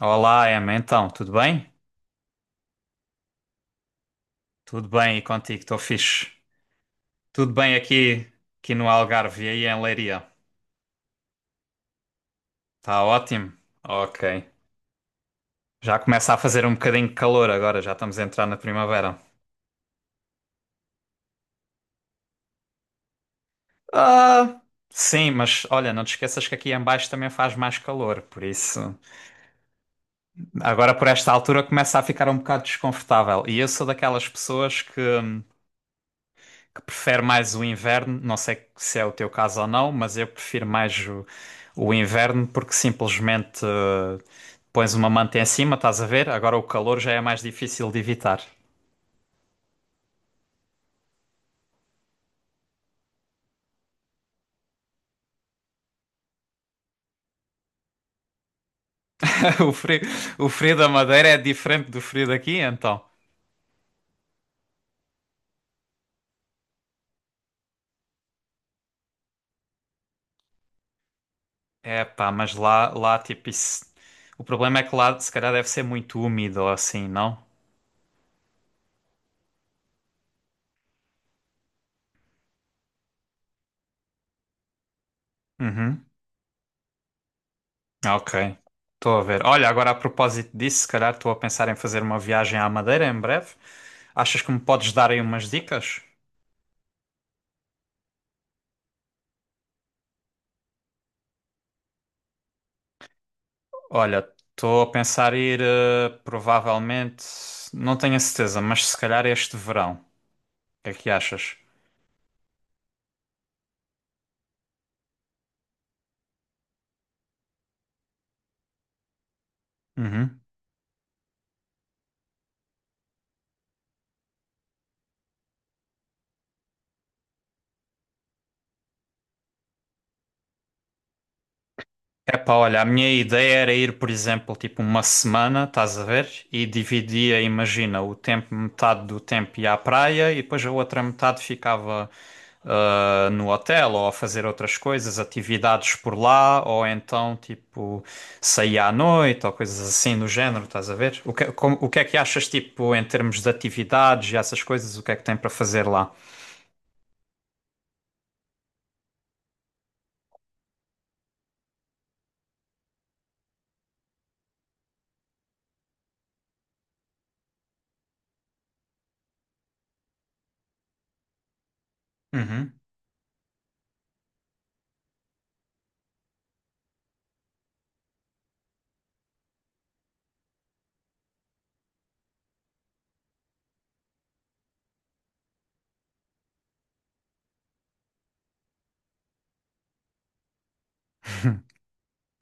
Olá, Emma. Então, tudo bem? Tudo bem e contigo? Estou fixe. Tudo bem aqui, no Algarve e aí em Leiria. Está ótimo? Ok. Já começa a fazer um bocadinho de calor agora, já estamos a entrar na primavera. Ah, sim, mas olha, não te esqueças que aqui em baixo também faz mais calor, por isso. Agora por esta altura começa a ficar um bocado desconfortável. E eu sou daquelas pessoas que prefere mais o inverno. Não sei se é o teu caso ou não, mas eu prefiro mais o inverno porque simplesmente pões uma manta em cima, estás a ver? Agora o calor já é mais difícil de evitar. O frio, o frio da Madeira é diferente do frio daqui, então. É pá, mas lá tipo isso. O problema é que lá se calhar deve ser muito úmido ou assim, não? Uhum. Ah, Ok, estou a ver. Olha, agora a propósito disso, se calhar estou a pensar em fazer uma viagem à Madeira em breve. Achas que me podes dar aí umas dicas? Olha, estou a pensar ir, provavelmente, não tenho a certeza, mas se calhar este verão. O que é que achas? Uhum. Epá, olha, a minha ideia era ir, por exemplo, tipo uma semana, estás a ver? E dividia, imagina, o tempo, metade do tempo ia à praia e depois a outra metade ficava no hotel ou a fazer outras coisas, atividades por lá, ou então tipo saía à noite ou coisas assim do género, estás a ver? O que, o que é que achas, tipo, em termos de atividades e essas coisas, o que é que tem para fazer lá? Uhum.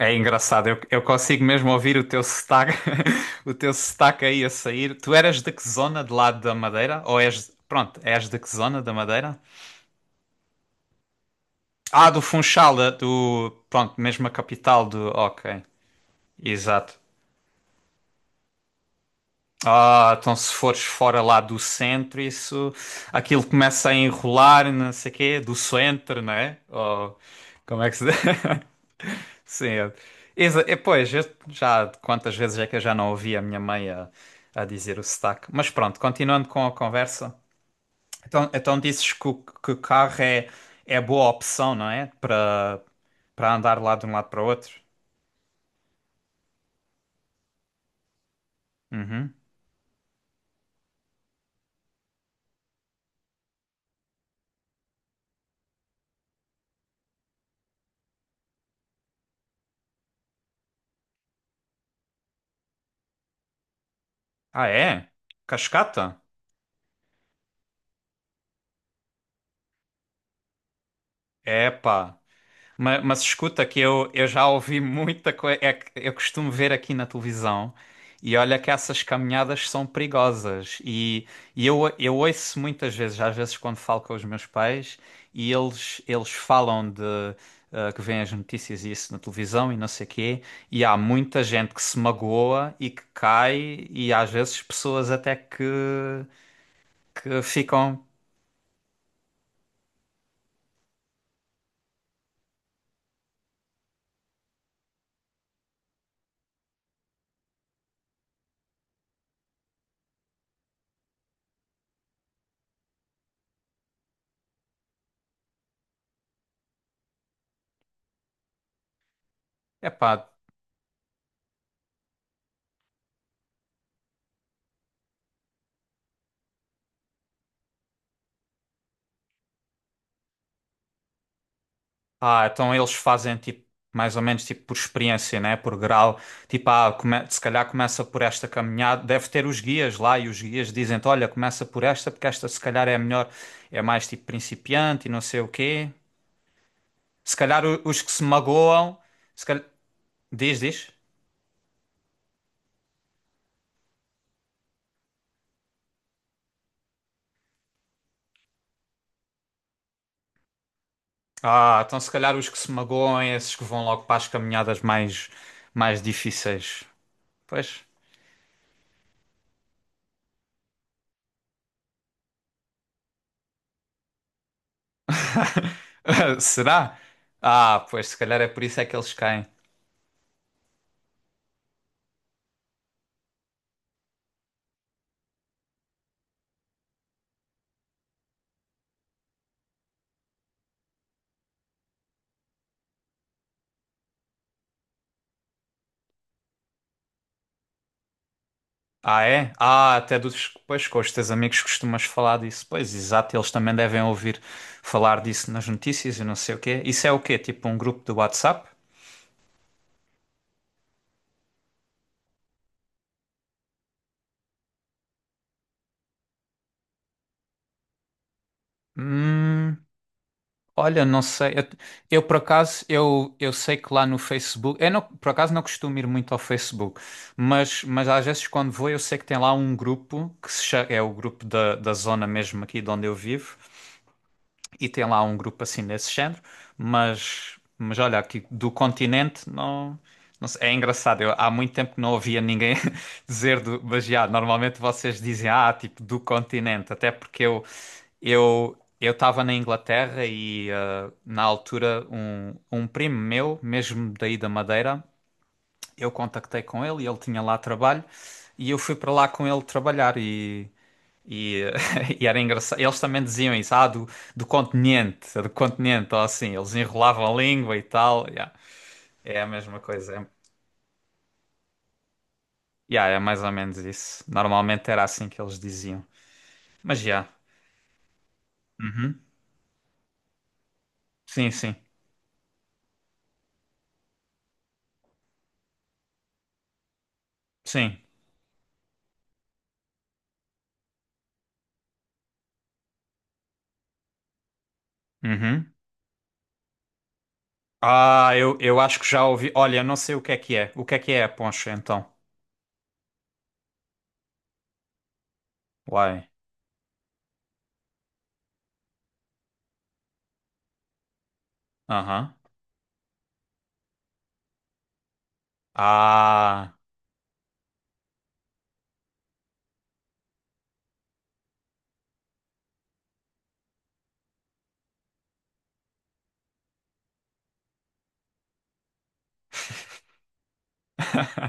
É engraçado, eu consigo mesmo ouvir o teu sotaque, o teu sotaque aí a sair. Tu eras de que zona de lado da Madeira? Ou és, pronto, és de que zona da Madeira? Ah, do Funchal, pronto, mesmo a capital do, ok, exato. Ah, então se fores fora lá do centro, isso, aquilo começa a enrolar, não sei o quê, do centro, não é? Ou, como é que se diz? Sim, é, é, pois, eu já quantas vezes é que eu já não ouvi a minha mãe a dizer o sotaque. Mas pronto, continuando com a conversa. Então, então dizes que que o carro é boa opção, não é? Para andar lá de um lado para o outro. Uhum. Ah, é? Cascata? Epá. Mas, escuta que eu já ouvi muita coisa. Eu costumo ver aqui na televisão e olha que essas caminhadas são perigosas. E eu ouço muitas vezes, às vezes quando falo com os meus pais, e eles falam de que vêm as notícias e isso na televisão e não sei quê, e há muita gente que se magoa e que cai, e às vezes pessoas até que ficam. Epá, ah, então eles fazem tipo mais ou menos tipo por experiência, né? Por grau. Tipo, ah, se calhar começa por esta caminhada, deve ter os guias lá e os guias dizem-te, olha, começa por esta porque esta se calhar é a melhor, é mais tipo principiante e não sei o quê. Se calhar os que se magoam, se calhar... diz, diz. Ah, então se calhar os que se magoam é esses que vão logo para as caminhadas mais difíceis. Pois. Será? Ah, pois se calhar é por isso é que eles caem. Ah, é? Ah, até dos, pois, com os teus amigos costumas falar disso. Pois, exato, eles também devem ouvir falar disso nas notícias e não sei o quê. Isso é o quê? Tipo um grupo do WhatsApp? Hum, olha, não sei. Por acaso, eu sei que lá no Facebook, eu não, por acaso não costumo ir muito ao Facebook, mas às vezes quando vou eu sei que tem lá um grupo que se é o grupo da zona mesmo aqui de onde eu vivo, e tem lá um grupo assim nesse género, mas olha, aqui do continente não, não sei, é engraçado. Eu, há muito tempo que não ouvia ninguém dizer do, mas já, normalmente vocês dizem, ah, tipo, do continente, até porque eu estava na Inglaterra e na altura um primo meu, mesmo daí da Madeira, eu contactei com ele e ele tinha lá trabalho e eu fui para lá com ele trabalhar e, e era engraçado. Eles também diziam isso, ah, do, do continente, ou assim, eles enrolavam a língua e tal. Yeah. É a mesma coisa. É, yeah, é mais ou menos isso. Normalmente era assim que eles diziam. Mas já. Uhum. Sim, sim. Sim. Uhum. Ah, eu acho que já ouvi. Olha, eu não sei o que é que é. O que é a poncha, então? Uai. Aham. Ah.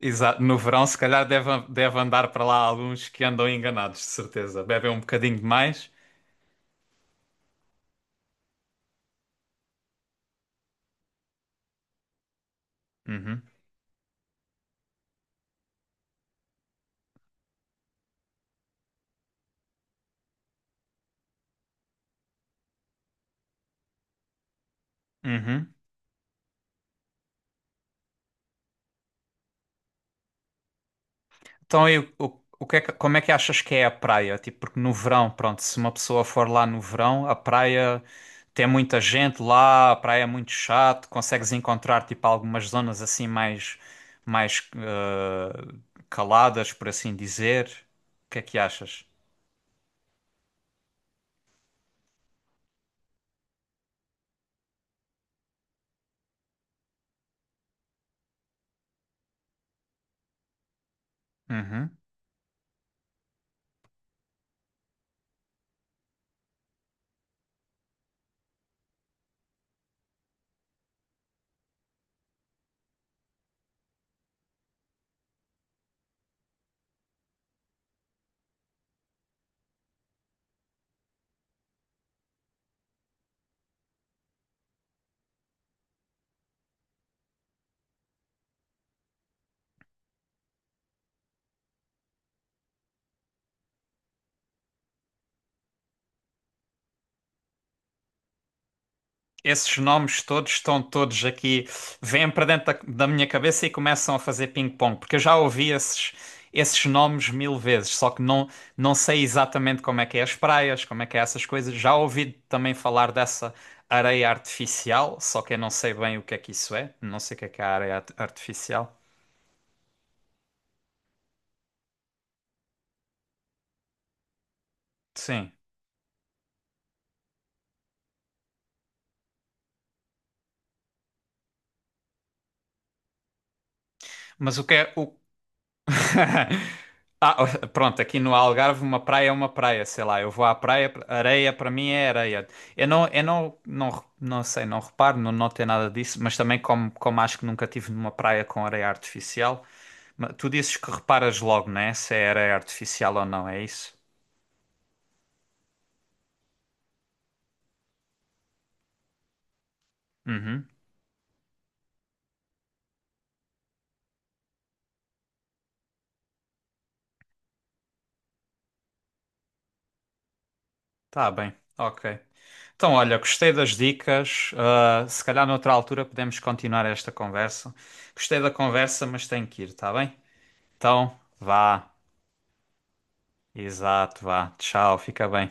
Exato, no verão se calhar deve, deve andar para lá alguns que andam enganados, de certeza. Bebem um bocadinho demais. Uhum, uhum. Então, e o que é como é que achas que é a praia? Tipo, porque no verão, pronto, se uma pessoa for lá no verão, a praia tem muita gente lá, a praia é muito chato, consegues encontrar tipo algumas zonas assim mais, mais caladas, por assim dizer. O que é que achas? Uhum. Esses nomes todos estão todos aqui, vêm para dentro da minha cabeça e começam a fazer ping-pong, porque eu já ouvi esses, esses nomes mil vezes, só que não, não sei exatamente como é que é as praias, como é que é essas coisas. Já ouvi também falar dessa areia artificial, só que eu não sei bem o que é que isso é, não sei o que é a areia artificial. Sim, mas o que é o. Ah, pronto, aqui no Algarve uma praia é uma praia, sei lá, eu vou à praia, areia para mim é areia. Eu não, não, não sei, não reparo, não notei nada disso, mas também como acho que nunca tive numa praia com areia artificial, tu dizes que reparas logo, né? Se é areia artificial ou não, é isso? Uhum, tá bem, ok. Então, olha, gostei das dicas, ah, se calhar noutra altura podemos continuar esta conversa. Gostei da conversa, mas tenho que ir, tá bem? Então, vá. Exato, vá. Tchau, fica bem.